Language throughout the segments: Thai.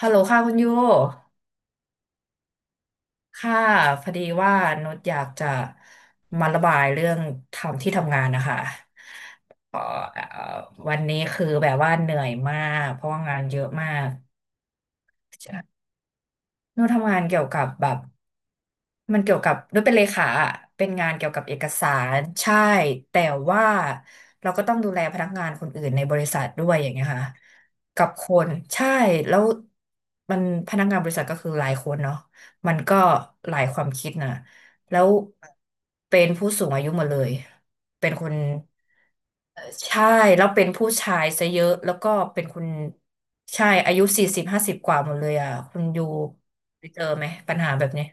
ฮัลโหลค่ะคุณยู ค่ะพอดีว่านุชอยากจะมาระบายเรื่องทำที่ทำงานนะคะเอ่อเอ่อวันนี้คือแบบว่าเหนื่อยมากเพราะว่างานเยอะมาก นุชทำงานเกี่ยวกับแบบ มันเกี่ยวกับด้วยเป็นเลขาอะเป็นงานเกี่ยวกับเอกสารใช่แต่ว่าเราก็ต้องดูแลพนักงานคนอื่นในบริษัทด้วยอย่างเงี้ยค่ะกับคนใช่แล้วมันพนักงานบริษัทก็คือหลายคนเนาะมันก็หลายความคิดนะแล้วเป็นผู้สูงอายุหมดเลยเป็นคนใช่แล้วเป็นผู้ชายซะเยอะแล้วก็เป็นคุณใช่อายุสี่สิบห้าสิบกว่าหมดเลยอ่ะคุณอยู่ไปเจอไหมปัญหาแบบนี้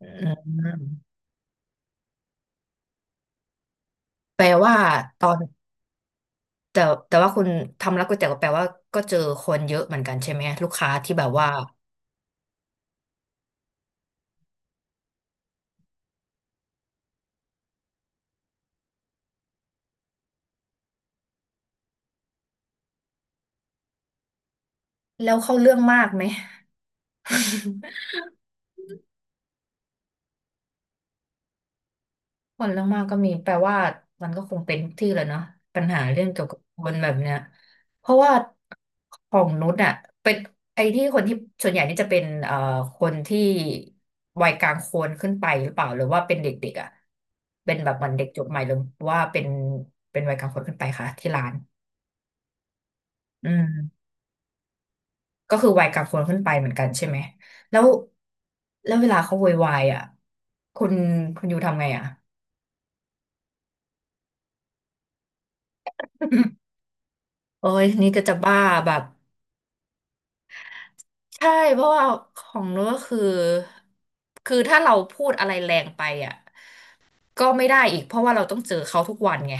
อืมแปลว่าตอนแต่แต่ว่าคุณทำร้านก๋วยเตี๋ยวแปลว่าก็เจอคนเยอะเหมือนกันใช่ไหมลูกค้าที่แบบว่าแล้วเข้าเรื่องมากไหมคนเรื่องมากก็มีแปลว่ามันก็คงเป็นทุกที่แหละเนาะปัญหาเรื่องเกี่ยวกับคนแบบเนี้ยเพราะว่าของนุชอะเป็นไอ้ที่คนที่ส่วนใหญ่นี่จะเป็นคนที่วัยกลางคนขึ้นไปหรือเปล่าหรือว่าเป็นเด็กๆอะเป็นแบบเหมือนเด็กจบใหม่หรือว่าเป็นวัยกลางคนขึ้นไปคะที่ร้านอืม ก็คือวัยกลางคนขึ้นไปเหมือนกันใช่ไหมแล้วแล้วเวลาเขาโวยวายอ่ะคุณคุณอยูทำไงอ่ะโอ้ยนี่ก็จะบ้าแบบใช่เพราะว่าของนู้นก็คือคือถ้าเราพูดอะไรแรงไปอ่ะก็ไม่ได้อีกเพราะว่าเราต้องเจอเขาทุกวันไง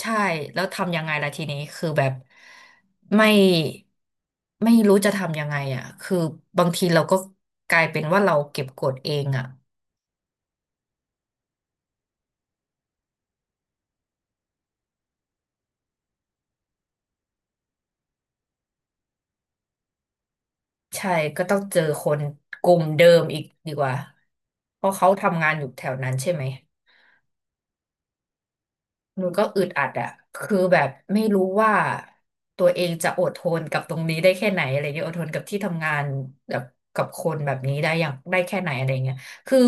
ใช่แล้วทำยังไงล่ะทีนี้คือแบบไม่ไม่รู้จะทำยังไงอ่ะคือบางทีเราก็กลายเป็นว่าเราเก็บกดเองอ่ะ ใช่ก็ต้องเจอคนกลุ่มเดิมอีกดีกว่าเพราะเขาทำงานอยู่แถวนั้นใช่ไหมมันูก็อึดอัดอะคือแบบไม่รู้ว่าตัวเองจะอดทนกับตรงนี้ได้แค่ไหนอะไรเงี้ยอดทนกับที่ทำงานแบบกับคนแบบนี้ได้อย่างได้แค่ไหนอะไรเงี้ยคือ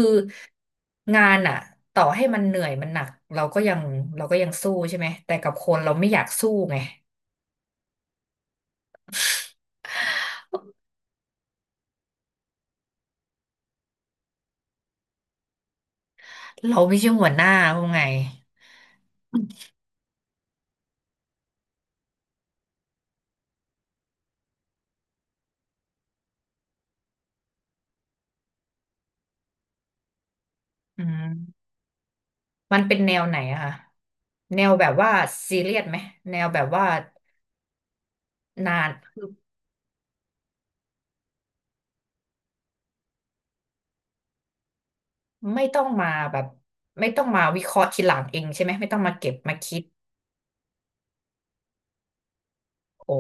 งานอะต่อให้มันเหนื่อยมันหนักเราก็ยังเราก็ยังสู้ใช่ไหมแต่กับคนเราไม่อยากสู้ไงเราไม่ใช่หัวหน้าเขาไงอืม มันเป็นแนวไหนอะคะแนวแบบว่าซีเรียสไหมแนวแบบว่านานคือไม่ต้องมาแบบไม่ต้องมาวิเคราะห์ทีหลังเองใช่ไหมไม่ต้องมาเก็บมาคิดโอ้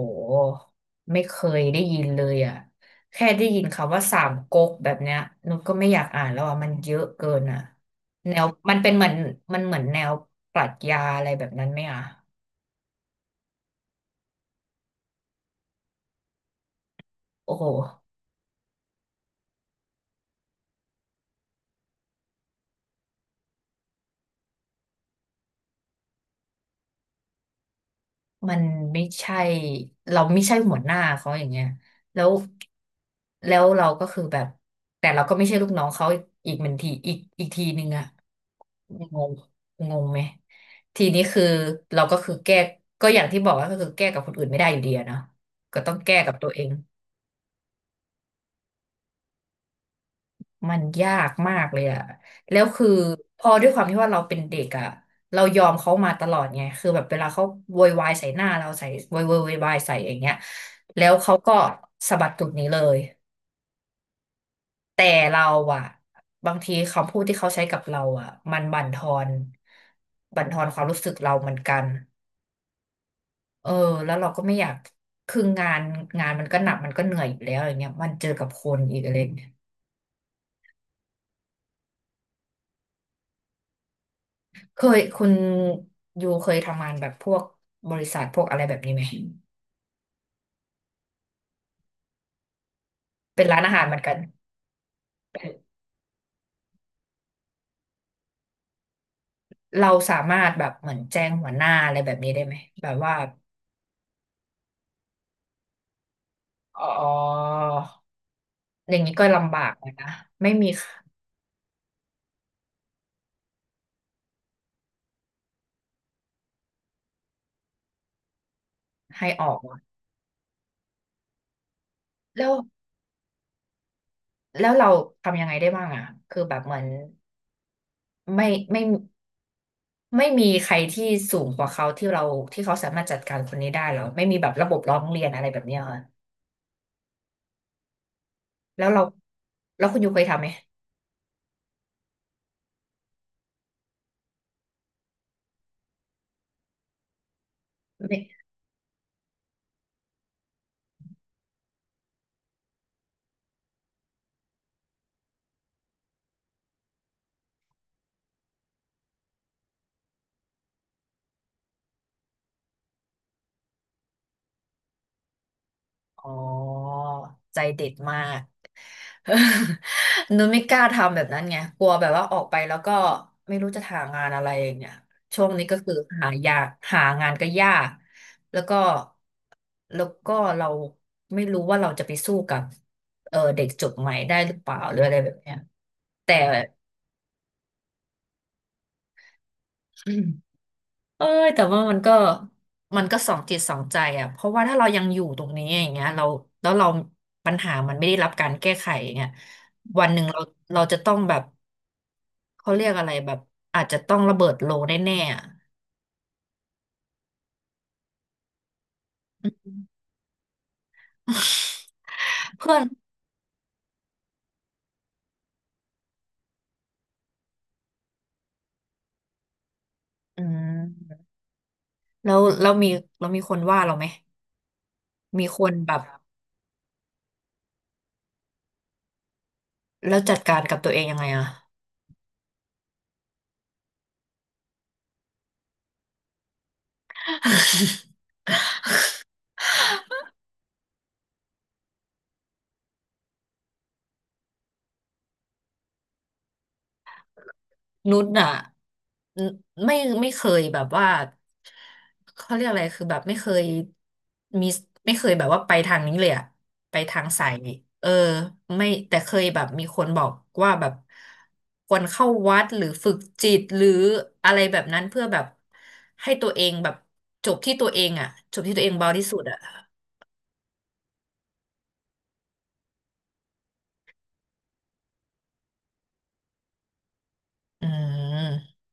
ไม่เคยได้ยินเลยอะแค่ได้ยินคำว่าสามก๊กแบบเนี้ยนุชก็ไม่อยากอ่านแล้วอะมันเยอะเกินอะแนวมันเป็นเหมือนมันเหมือนแนวปรัชญาอะไรแบบนั้นไหมอะโอ้โห มันไม่ใช่เราไม่ใช่หัวหน้าเขาอย่างเงี้ยแล้วแล้วเราก็คือแบบแต่เราก็ไม่ใช่ลูกน้องเขาอีกเหมือนทีอีกทีหนึ่งอะงงงงไหมทีนี้คือเราก็คือแก้ก็อย่างที่บอกว่าก็คือแก้กับคนอื่นไม่ได้อยู่ดีอะเนาะก็ต้องแก้กับตัวเอง มันยากมากเลยอะแล้วคือพอด้วยความที่ว่าเราเป็นเด็กอะเรายอมเขามาตลอดไงคือแบบเวลาเขาโวยวายใส่หน้าเราใส่โวยวายใส่อย่างเงี้ยแล้วเขาก็สะบัดตูดหนี้เลยแต่เราอะบางทีคำพูดที่เขาใช้กับเราอะมันบั่นทอนความรู้สึกเราเหมือนกันเออแล้วเราก็ไม่อยากคืองานงานมันก็หนักมันก็เหนื่อยอยู่แล้วอย่างเงี้ยมันเจอกับคนอีกอะไรอย่างเงี้ย เคยคุณยูเคยทำงานแบบพวกบริษัทพวกอะไรแบบนี้ไหมเป็นร้านอาหารเหมือนกันเป็นเราสามารถแบบเหมือนแจ้งหัวหน้าอะไรแบบนี้ได้ไหมแบบว่าอ๋ออย่างนี้ก็ลำบากเลยนะไม่มีให้ออกอะแล้วแล้วเราทำยังไงได้บ้างอ่ะคือแบบเหมือนไม่ไม่ไม่มีใครที่สูงกว่าเขาที่เราที่เขาสามารถจัดการคนนี้ได้เหรอไม่มีแบบระบบร้องเรียนอะไรแบบเนี้ยเหรอแล้วเราแล้วคุณยูเคยทำไหม อ๋อใจเด็ดมาก นุ้นไม่กล้าทำแบบนั้นไงกลัวแบบว่าออกไปแล้วก็ไม่รู้จะหางานอะไรอย่างเงี้ยช่วงนี้ก็คือหายากหางานก็ยากแล้วก็แล้วก็เราไม่รู้ว่าเราจะไปสู้กับเออเด็กจบใหม่ได้หรือเปล่าหรืออะไรแบบเนี้ยแต่ เอ้ยแต่ว่ามันก็สองจิตสองใจอ่ะเพราะว่าถ้าเรายังอยู่ตรงนี้อย่างเงี้ยเราปัญหามันไม่ได้รับการแก้ไขอย่างเงี้ยวันหนึ่งเราจะต้องแบบเขาเรียกอะไรแบบอาจจะต้องระเบิดโลแน่ๆอะ อืม เพื่อนอืมแล้วเรามีคนว่าเราไหมมีคนแบบแล้วจัดการกับตัวเองยังไงอ่ะ นุชอ่ะนไม่ไม่เคยแบบว่าเขาเรียกอะไรคือแบบไม่เคยมีไม่เคยแบบว่าไปทางนี้เลยอะไปทางสายเออไม่แต่เคยแบบมีคนบอกว่าแบบควรเข้าวัดหรือฝึกจิตหรืออะไรแบบนั้นเพื่อแบบให้ตัวเองแบบจบที่ตัวเองอะจบที่ตัวเองเบาที่สุดอะอืม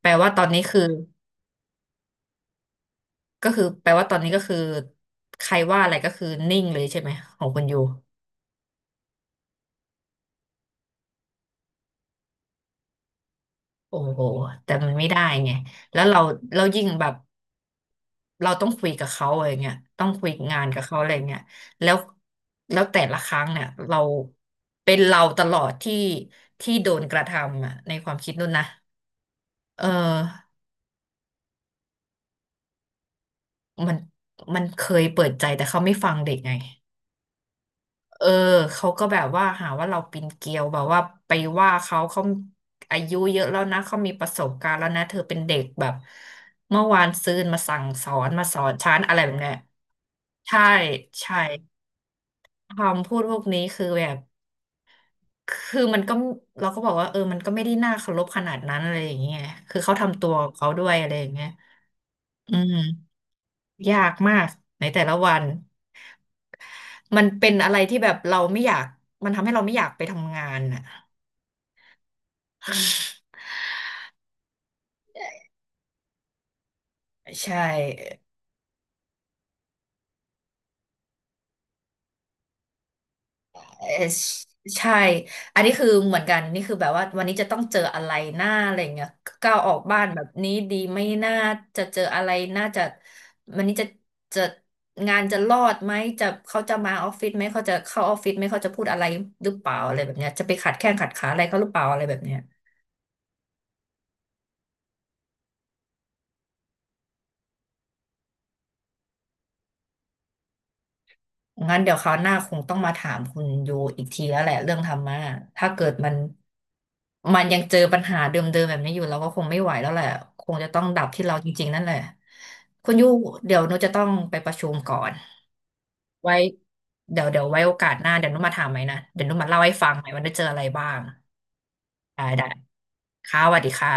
แปลว่าตอนนี้คือก็คือแปลว่าตอนนี้ก็คือใครว่าอะไรก็คือนิ่งเลยใช่ไหมของคุณยู โอ้โหแต่มันไม่ได้ไงแล้วเราเรายิ่งแบบเราต้องคุยกับเขาอะไรเงี้ยต้องคุยงานกับเขาอะไรเงี้ยแล้วแล้วแต่ละครั้งเนี่ยเราเป็นเราตลอดที่โดนกระทำอ่ะในความคิดนู่นนะเออมันมันเคยเปิดใจแต่เขาไม่ฟังเด็กไง เออเขาก็แบบว่าหาว่าเราปีนเกลียวแบบว่าไปว่าเขาอายุเยอะแล้วนะเขามีประสบการณ์แล้วนะเธอเป็นเด็กแบบเมื่อวานซืนมาสั่งสอนมาสอนฉันอะไรแบบเนี้ยใช่ใช่คำพูดพวกนี้คือแบบคือมันก็เราก็บอกว่าเออมันก็ไม่ได้น่าเคารพขนาดนั้นอะไรอย่างเงี้ยคือเขาทำตัวของเขาด้วยอะไรอย่างเงี้ยอืมยากมากในแต่ละวันมันเป็นอะไรที่แบบเราไม่อยากมันทำให้เราไม่อยากไปทำงานอ่ะ ใช่เอ่อใช่อันนี้คือเหมือนกันนี่คือแบบว่าวันนี้จะต้องเจออะไรหน้าอะไรเงี้ยก้าวออกบ้านแบบนี้ดีไม่น่าจะเจออะไรน่าจะวันนี้จะงานจะรอดไหมจะเขาจะมาออฟฟิศไหมเขาจะเข้าออฟฟิศไหมเขาจะพูดอะไรหรือเปล่าอะไรแบบเนี้ยจะไปขัดแข้งขัดขาอะไรเขาหรือเปล่าอะไรแบบเนี้ย งั้นเดี๋ยวคราวหน้าคงต้องมาถามคุณยูอีกทีแล้วแหละเรื่องธรรมะถ้าเกิดมันมันยังเจอปัญหาเดิมๆแบบนี้อยู่เราก็คงไม่ไหวแล้วแหละคงจะต้องดับที่เราจริงๆนั่นแหละคุณยูเดี๋ยวหนูจะต้องไปประชุมก่อนไว้เดี๋ยวไว้โอกาสหน้าเดี๋ยวหนูมาถามไหมนะเดี๋ยวหนูมาเล่าให้ฟังไหมว่าได้เจออะไรบ้างได้ค่ะสวัสดีค่ะ